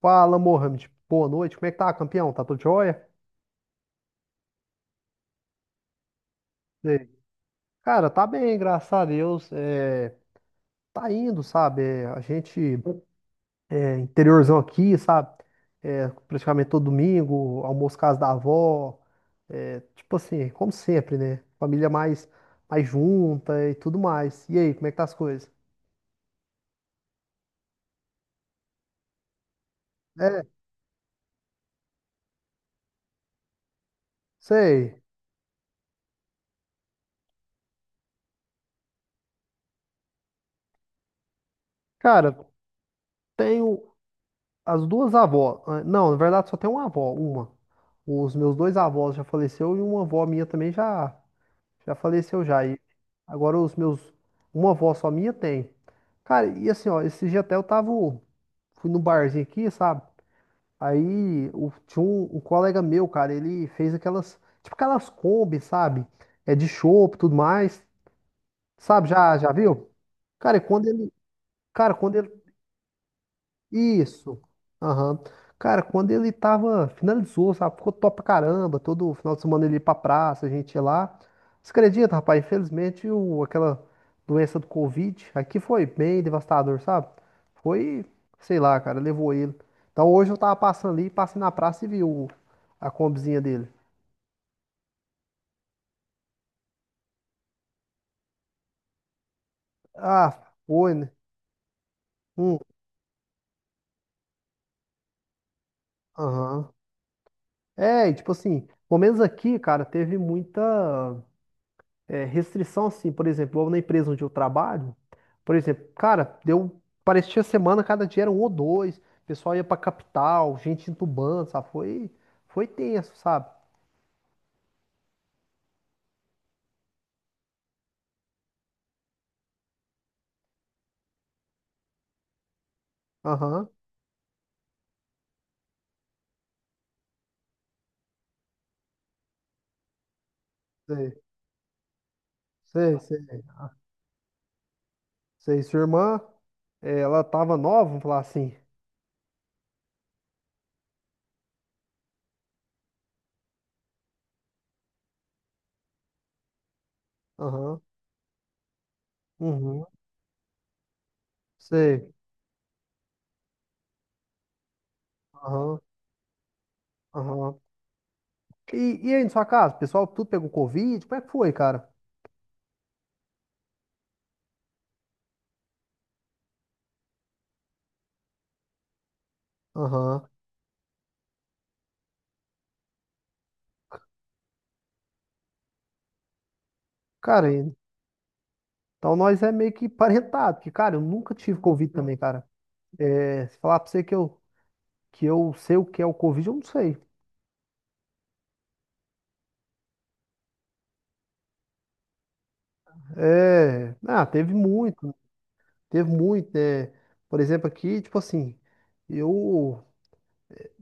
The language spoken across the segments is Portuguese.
Fala, Mohamed. Boa noite. Como é que tá, campeão? Tá tudo jóia? E aí? Cara, tá bem, graças a Deus. É, tá indo, sabe? É, a gente, é, interiorzão aqui, sabe? É, praticamente todo domingo, almoço casa da avó. É, tipo assim, como sempre, né? Família mais junta e tudo mais. E aí, como é que tá as coisas? É, sei. Cara, tenho as duas avós. Ah, não, na verdade só tem uma avó, uma. Os meus dois avós já faleceu e uma avó minha também já. Já faleceu já. E agora os meus. Uma avó só minha tem. Cara, e assim, ó, esse dia até eu tava. Fui no barzinho aqui, sabe? Aí tinha um colega meu, cara, ele fez aquelas. Tipo aquelas Kombi, sabe? É de chopp e tudo mais. Sabe, já, já viu? Cara, e quando ele. Cara, quando ele isso. Aham. Cara, quando ele tava, finalizou, sabe? Ficou top pra caramba. Todo final de semana ele ia pra praça, a gente ia lá. Você acredita, rapaz? Infelizmente, aquela doença do Covid aqui foi bem devastador, sabe? Foi sei lá, cara, levou ele. Então hoje eu tava passando ali, passei na praça e vi a combizinha dele. Ah, foi, né? Hum, aham. É, e tipo assim, pelo menos aqui, cara, teve muita. É, restrição, assim, por exemplo, eu na empresa onde eu trabalho, por exemplo, cara, deu, parecia semana, cada dia era um ou dois, o pessoal ia pra capital, gente entubando, sabe? Foi tenso, sabe? Aham, sei, sei, sei, sei. Sua irmã, é, ela tava nova, vamos falar assim. Aham, uhum, sei, aham, aham. E aí, na sua casa, o pessoal tudo pegou Covid? Como é que foi, cara? Aham. Cara, então nós é meio que parentado, porque, cara, eu nunca tive Covid também, cara. É, se falar pra você que eu sei o que é o Covid, eu não sei. É, ah, teve muito, né? Teve muito, né? Por exemplo, aqui, tipo assim, eu,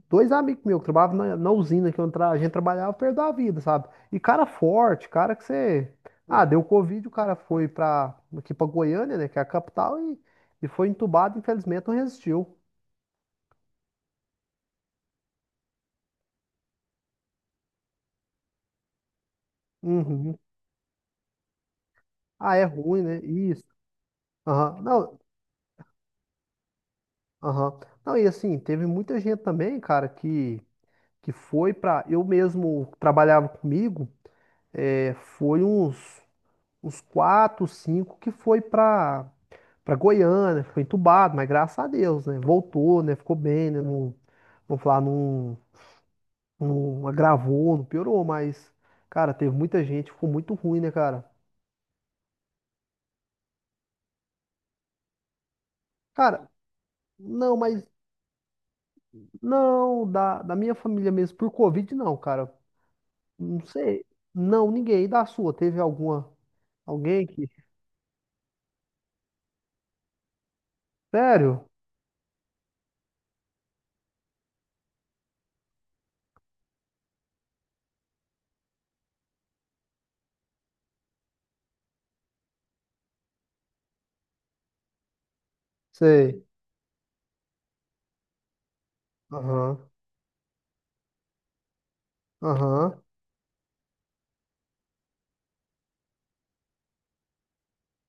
dois amigos meus que trabalhavam na usina que a gente trabalhava, perdeu a vida, sabe? E cara forte, cara que você, ah, deu Covid, o cara foi pra, aqui pra Goiânia, né, que é a capital, e foi entubado, infelizmente não resistiu. Uhum. Ah, é ruim, né? Isso. Aham. Não, aham. Não, e assim, teve muita gente também, cara, que foi para eu mesmo trabalhava comigo, é, foi uns quatro, cinco que foi para para Goiânia, foi entubado, mas graças a Deus, né? Voltou, né? Ficou bem, né? Não, vou falar, não, não agravou, não piorou, mas cara, teve muita gente, ficou muito ruim, né, cara? Cara, não, mas não da minha família mesmo por Covid não, cara. Não sei. Não, ninguém. E da sua, teve alguma alguém que Sério? Sei. Aham. Aham.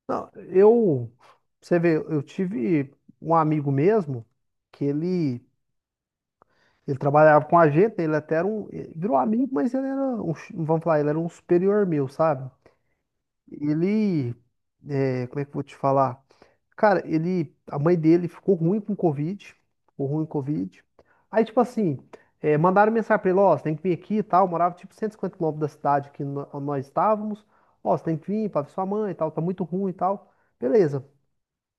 Não, eu, você vê, eu tive um amigo mesmo que ele trabalhava com a gente, ele até era um, ele virou amigo, mas ele era um, vamos falar, ele era um superior meu, sabe? Ele, é, como é que eu vou te falar? Cara, ele, a mãe dele ficou ruim com Covid, ficou ruim com Covid. Aí, tipo assim, é, mandaram mensagem pra ele, ó, você tem que vir aqui e tal, eu morava tipo 150 quilômetros da cidade que nós estávamos, ó, você tem que vir pra ver sua mãe e tal, tá muito ruim e tal. Beleza.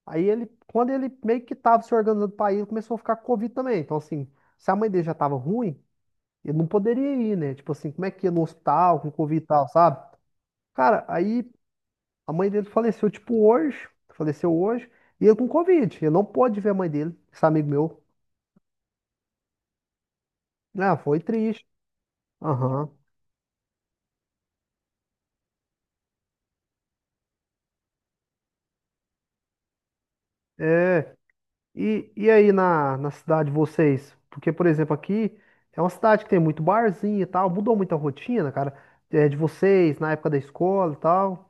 Aí ele, quando ele meio que tava se organizando pra ir, ele começou a ficar com Covid também. Então, assim, se a mãe dele já tava ruim, ele não poderia ir, né? Tipo assim, como é que ia no hospital com Covid e tal, sabe? Cara, aí a mãe dele faleceu, tipo, hoje, faleceu hoje, e ele com Covid. Ele não pôde ver a mãe dele, esse amigo meu. Ah, foi triste. Aham. É. E aí na, na cidade de vocês? Porque, por exemplo, aqui é uma cidade que tem muito barzinho e tal, mudou muito a rotina, cara, é, de vocês, na época da escola e tal.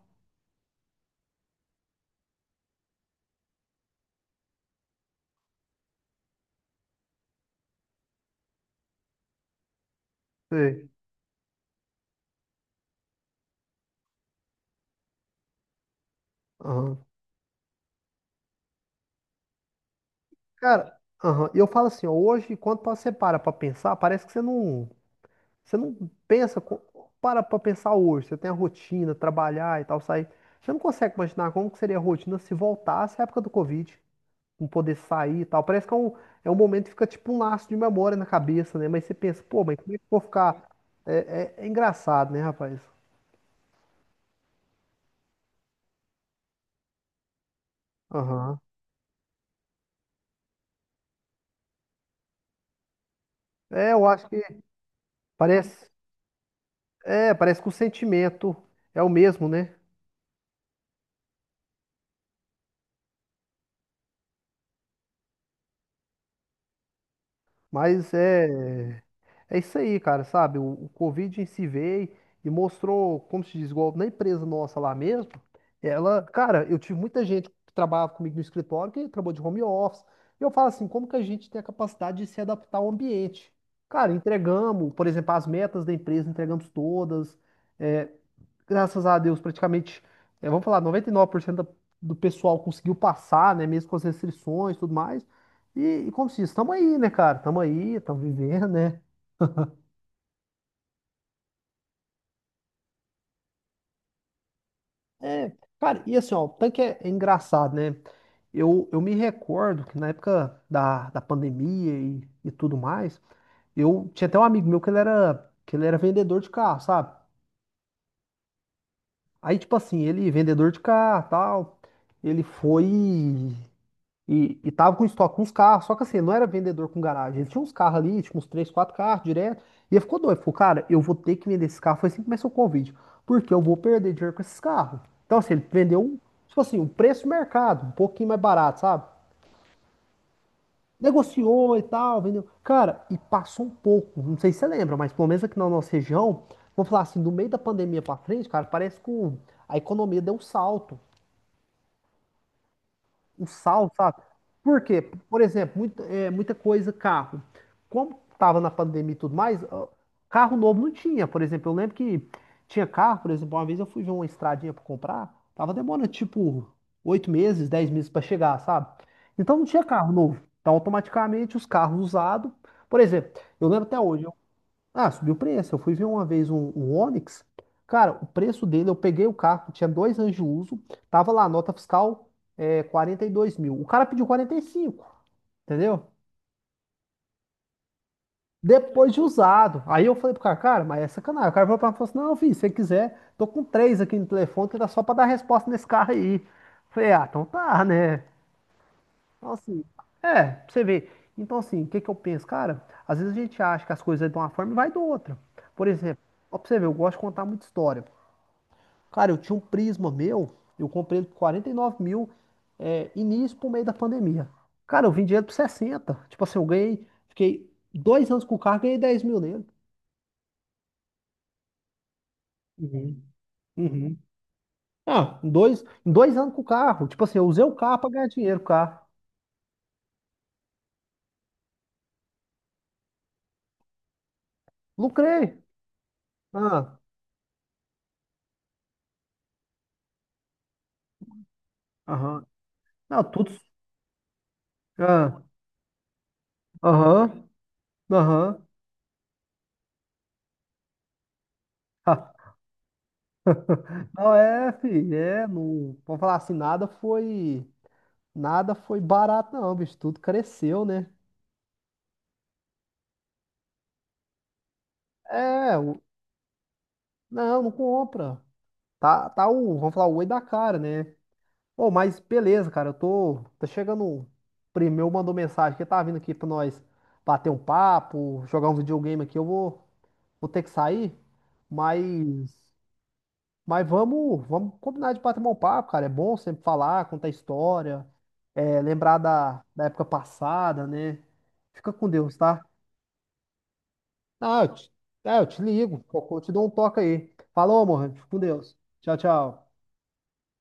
Sei. Aham. Cara, aham. E eu falo assim, ó, hoje, quando você para pra pensar, parece que você não pensa, para pra pensar hoje, você tem a rotina, trabalhar e tal, sair. Você não consegue imaginar como que seria a rotina se voltasse à época do Covid, não poder sair e tal. Parece que é um momento que fica tipo um laço de memória na cabeça, né? Mas você pensa, pô, mas como é que eu vou ficar? É, é engraçado, né, rapaz? Aham. É, eu acho que parece, é, parece que o sentimento é o mesmo, né? Mas é. É isso aí, cara, sabe? O Covid em si veio e mostrou, como se diz, igual na empresa nossa lá mesmo. Ela, cara, eu tive muita gente que trabalhava comigo no escritório que trabalhou de home office. E eu falo assim, como que a gente tem a capacidade de se adaptar ao ambiente? Cara, entregamos, por exemplo, as metas da empresa, entregamos todas. É, graças a Deus, praticamente, é, vamos falar, 99% da- do pessoal conseguiu passar, né? Mesmo com as restrições e tudo mais. E como se diz, estamos aí, né, cara? Estamos aí, estamos vivendo, né? É, cara, e assim, ó, o tanque é engraçado, né? Eu me recordo que na época da pandemia e tudo mais, eu tinha até um amigo meu que ele era vendedor de carro, sabe? Aí, tipo assim, ele, vendedor de carro, tal, ele foi. E tava com estoque, com uns carros, só que assim, não era vendedor com garagem. Ele tinha uns carros ali, tipo uns três, quatro carros direto. E ele ficou doido, ficou, cara, eu vou ter que vender esse carro. Foi assim que começou o Covid, porque eu vou perder dinheiro com esses carros. Então, assim, ele vendeu, um, tipo assim, um preço do mercado, um pouquinho mais barato, sabe? Negociou e tal, vendeu. Cara, e passou um pouco, não sei se você lembra, mas pelo menos aqui na nossa região, vou falar assim, do meio da pandemia pra frente, cara, parece que a economia deu um salto. Sabe? Por quê? Por exemplo, muita coisa carro. Como tava na pandemia e tudo mais, ó, carro novo não tinha. Por exemplo, eu lembro que tinha carro, por exemplo, uma vez eu fui ver uma estradinha para comprar, tava demorando tipo 8 meses, 10 meses para chegar, sabe? Então não tinha carro novo. Então automaticamente os carros usados, por exemplo, eu lembro até hoje, ah, subiu o preço. Eu fui ver uma vez um, um Onix. Cara, o preço dele, eu peguei o carro, tinha 2 anos de uso, tava lá, nota fiscal é, 42 mil. O cara pediu 45, entendeu? Depois de usado. Aí eu falei pro cara, cara, mas é sacanagem. O cara falou pra mim, falou assim, não, filho, se você quiser, tô com três aqui no telefone, que dá só pra dar resposta nesse carro aí. Eu falei, ah, então tá, né? Então assim, é, pra você ver. Então assim, o que que eu penso? Cara, às vezes a gente acha que as coisas é de uma forma e vai de outra. Por exemplo, ó, pra você ver, eu gosto de contar muita história. Cara, eu tinha um Prisma meu, eu comprei ele por 49 mil, é, início pro meio da pandemia. Cara, eu vendi ele por 60. Tipo assim, eu ganhei, fiquei 2 anos com o carro, ganhei 10 mil nele. Uhum. Uhum. Ah, em dois anos com o carro. Tipo assim, eu usei o carro pra ganhar dinheiro com o carro. Lucrei. Ah, aham. Não, tudo. Ah, aham, aham. Ah, não, é, filho, é, não. Vamos falar assim, nada foi. Nada foi barato, não, bicho. Tudo cresceu, né? É, o- Não, não compra. Tá, tá o, vamos falar, o oi da cara, né? Ô, mas beleza, cara, tá chegando, um primo meu mandou mensagem que tá vindo aqui pra nós bater um papo, jogar um videogame aqui, eu vou ter que sair, mas, mas, vamos combinar de bater um papo, cara, é bom sempre falar, contar história, é, lembrar da época passada, né? Fica com Deus, tá? Ah, eu te ligo, eu te dou um toque aí. Falou, amor, fica com Deus. Tchau, tchau.